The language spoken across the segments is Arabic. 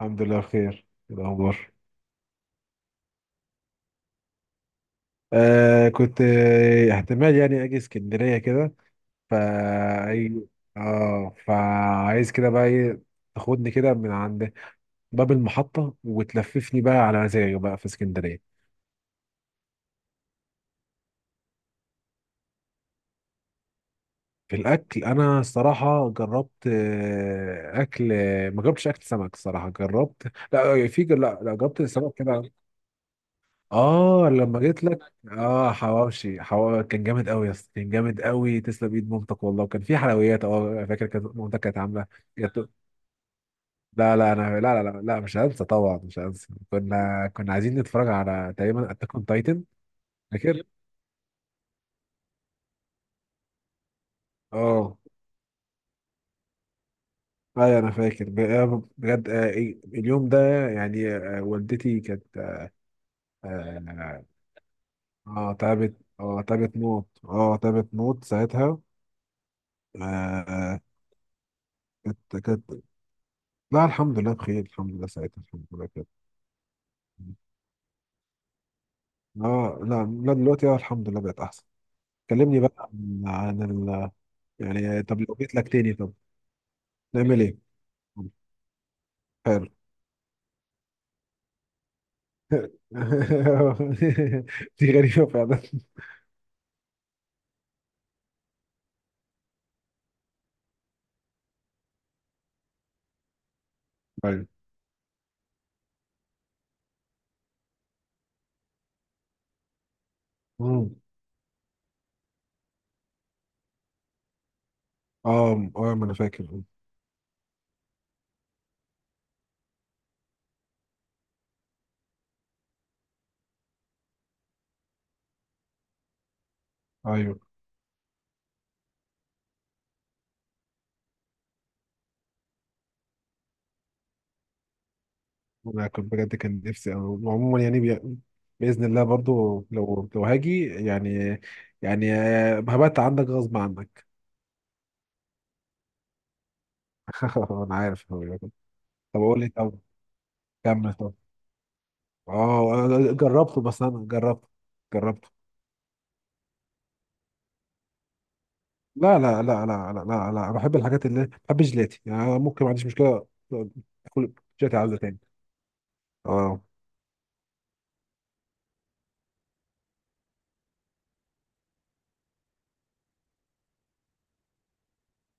الحمد لله بخير. إيه الأخبار؟ آه كنت احتمال يعني أجي اسكندرية كده. فا أي. آه فعايز كده بقى إيه. تاخدني كده من عند باب المحطة وتلففني بقى على مزاجي بقى في اسكندرية. في الأكل أنا الصراحة جربت أكل. ما جربتش أكل سمك، الصراحة جربت. لا في، لا جربت سمك كده. اه لما جيت لك. اه حواوشي، حواوشي كان جامد قوي يا اسطى، كان جامد قوي، تسلم ايد مامتك والله. وكان في حلويات، اه فاكر كانت مامتك كانت عامله جاتو- لا لا انا لا مش هنسى، طبعا مش هنسى. كنا عايزين نتفرج على تقريبا اتاك اون تايتن. فاكر. اه ايوه انا فاكر بجد. إيه، اليوم ده يعني، والدتي كانت. اه تعبت، اه تعبت موت، اه تعبت موت ساعتها. آه، آه، كانت. لا الحمد لله بخير، الحمد لله ساعتها الحمد لله كده. اه لا لا دلوقتي اه الحمد لله بقت احسن. كلمني بقى عن ال، يعني طب لو جيت لك تاني طب نعمل ايه؟ حلو. دي غريبة فعلا. ايوه. مم. اه اه ما انا فاكر. ايوه انا كنت بجد كان نفسي عموما يعني بي، باذن الله برضو لو هاجي يعني، يعني هبات عندك غصب عنك. انا عارف. طب اقول لك. طب كمل. طب اه أنا جربته، بس انا جربته. لا بحب الحاجات اللي، بحب الجيلاتي يعني، أنا ممكن ما عنديش مشكله اكل جيلاتي عاوزه تاني. اه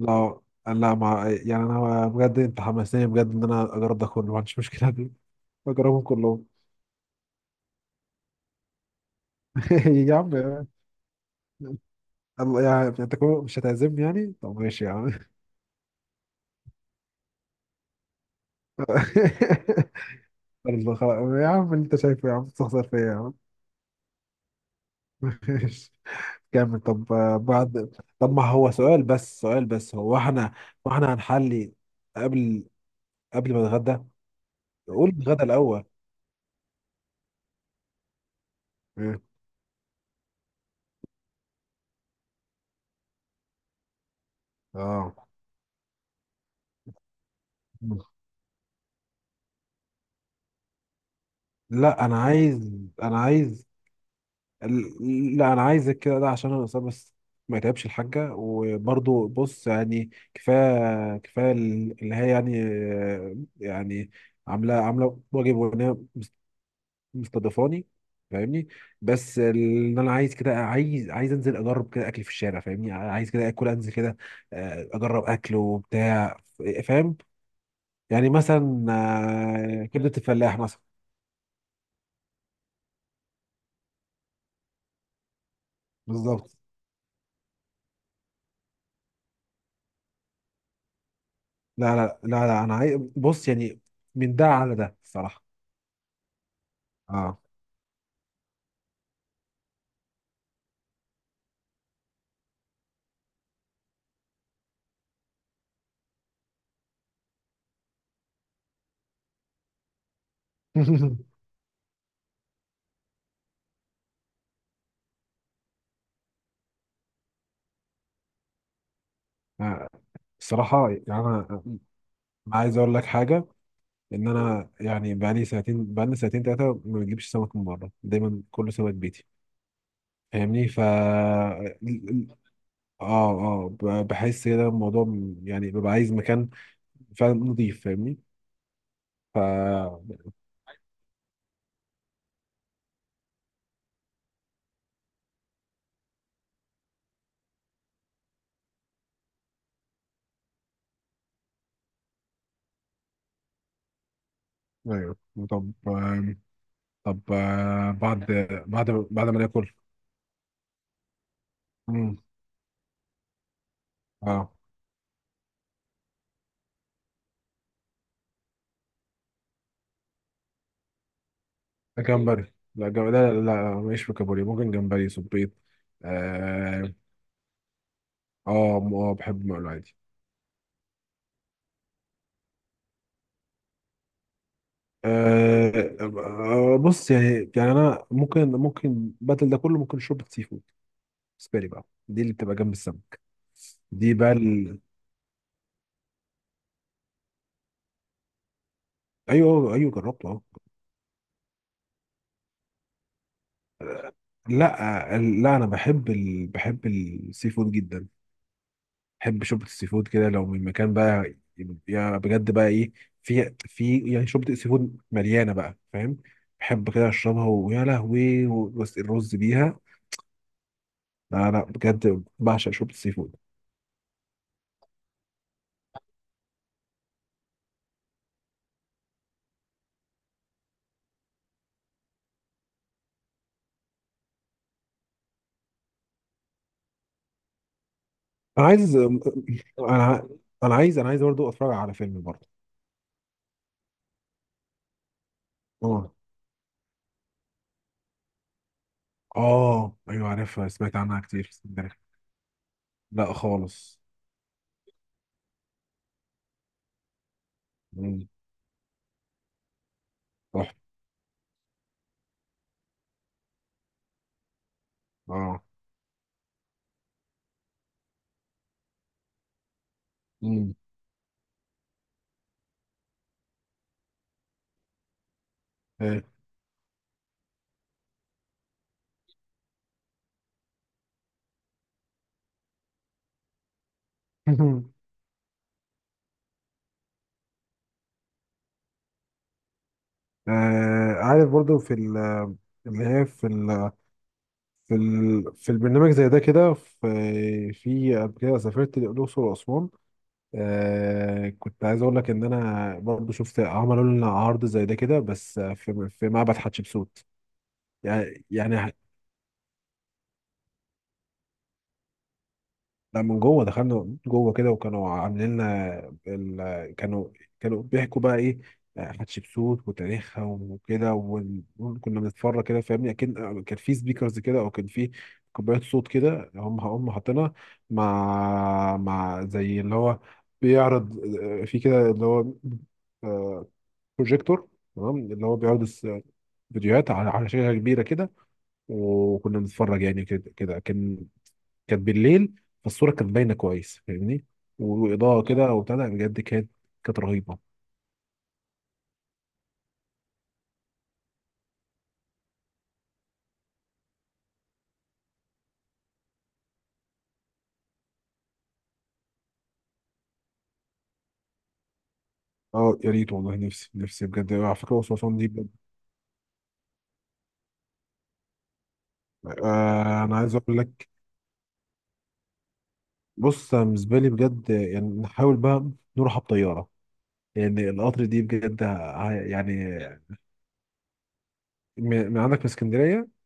لا لا، ما يعني انا بجد انت حمسني بجد ان انا اجرب ده كله، ما عنديش مشكله دي. بجربهم كلهم. يا عم، الله يعني انت كمان مش هتعزمني يعني؟ طب ماشي يا عم. الله خلاص يا عم، اللي انت شايفه يا عم، تستخسر فيا يا عم. ماشي. كامل طب بعد. طب ما هو سؤال، بس سؤال، بس هو احنا واحنا هنحلي قبل، قبل ما نتغدى؟ قول الغدا الاول. إيه؟ اه لا انا عايز، انا عايز، لا انا عايزك كده ده عشان انا اصلا بس ما يتعبش الحاجه. وبرضو بص يعني، كفايه كفايه اللي هي يعني، يعني عامله، عامله واجب وان هي مستضيفاني، فاهمني. بس ان انا عايز كده، عايز، عايز انزل اجرب كده اكل في الشارع، فاهمني، عايز كده اكل انزل كده اجرب اكل وبتاع، فاهم، يعني مثلا كبده الفلاح مثلا. بالظبط. لا انا عايز بص يعني، من ده على ده الصراحه. اه. آه، الصراحه يعني انا عايز اقول لك حاجه، ان انا يعني بقالي ساعتين، بقالي ساعتين ثلاثه ما بجيبش سمك من بره، دايما كله سمك بيتي، فاهمني. ف اه اه بحس كده الموضوع يعني ببقى عايز مكان فعلا نظيف، فاهمني. ف ايوه. طب طب بعد، بعد ما ناكل. مم. اه جمبري، لا جم... لا لا لا، ماليش في كابوريا، ممكن جمبري صبيط. اه اه بحب مقلو عادي. آه بص يعني، يعني انا ممكن، ممكن بدل ده كله ممكن شوربه سي فود بالنسبه لي بقى، دي اللي بتبقى جنب السمك. دي بقى ال، ايوه ايوه جربته اه. لا لا انا بحب ال، بحب السي فود جدا. بحب شوربه السي فود كده لو من مكان بقى، يا بجد بقى ايه، في يعني شوربه السي فود مليانه بقى، فاهم؟ بحب كده اشربها ويا لهوي بس الرز بيها. لا لا بجد بعشق شوربه السي فود. انا عايز، انا، انا عايز، انا عايز برضه اتفرج على فيلم برضه. اه اه ايوه عارفها، سمعت عنها كتير بس مش عارف. لا خالص. مم. تحفه. اه. مم. إيه. آه عارف برضو في اللي هي في ال، في في البرنامج زي ده كده، في، في قبل كده سافرت الأقصر وأسوان. آه كنت عايز أقول لك إن أنا برضو شفت، عملوا لنا عرض زي ده كده بس في معبد حتشبسوت يعني، يعني لا من جوه، دخلنا جوه كده وكانوا عاملين لنا ال، كانوا، كانوا بيحكوا بقى ايه، حتشبسوت وتاريخها وكده وكنا بنتفرج كده، فاهمني، اكيد كان في سبيكرز كده او كان في كوبايات صوت كده، هم حاطينها مع، زي اللي هو بيعرض، في كده اللي هو بروجيكتور، تمام، اللي هو بيعرض فيديوهات على، على شاشة كبيرة كده وكنا بنتفرج يعني، كده كده كان، كانت بالليل فالصوره كانت باينه كويس، فاهمني، واضاءه كده وبتاع، لا، بجد كانت، كانت رهيبه. اه يا ريت والله، نفسي، نفسي بجد. على فكره الاقصر واسوان دي بجد. آه انا عايز اقول لك، بص أنا بالنسبه لي بجد يعني، نحاول بقى نروحها بطياره، يعني القطر دي بجد يعني، من من عندك من اسكندريه،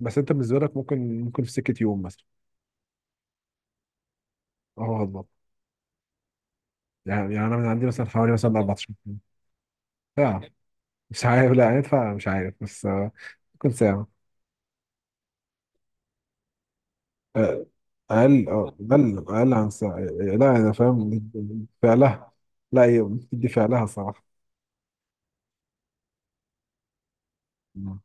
بس انت بالنسبه لك ممكن، ممكن في سكه يوم مثلا. اه بالظبط. يعني، يعني انا من عندي مثلا حوالي مثلا 14 ساعه. مش عارف، لا هندفع مش عارف بس ممكن ساعه. آه، اقل، اه اقل، اقل عن ساعة. لا انا فاهم. فعلها، لا هي بتدي فعلها صراحة. مم.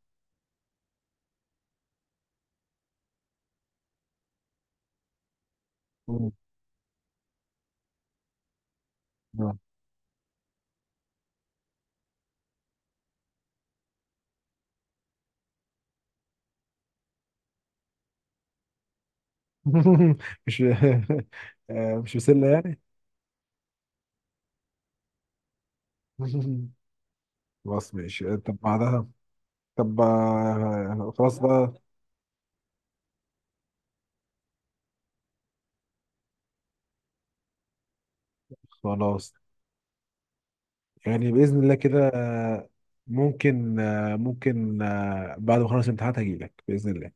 مم. مش مش مسلة يعني. خلاص ماشي طب بعدها. طب خلاص بقى، خلاص. يعني بإذن الله كده، ممكن، ممكن بعد ما اخلص الامتحانات هجيلك بإذن الله.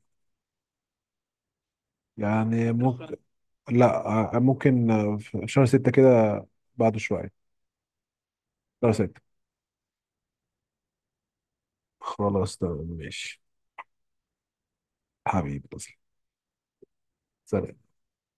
يعني ممكن، لا ممكن في شهر ستة كده، بعده شوية. شهر ستة. خلاص تمام ماشي. حبيبي. سلام.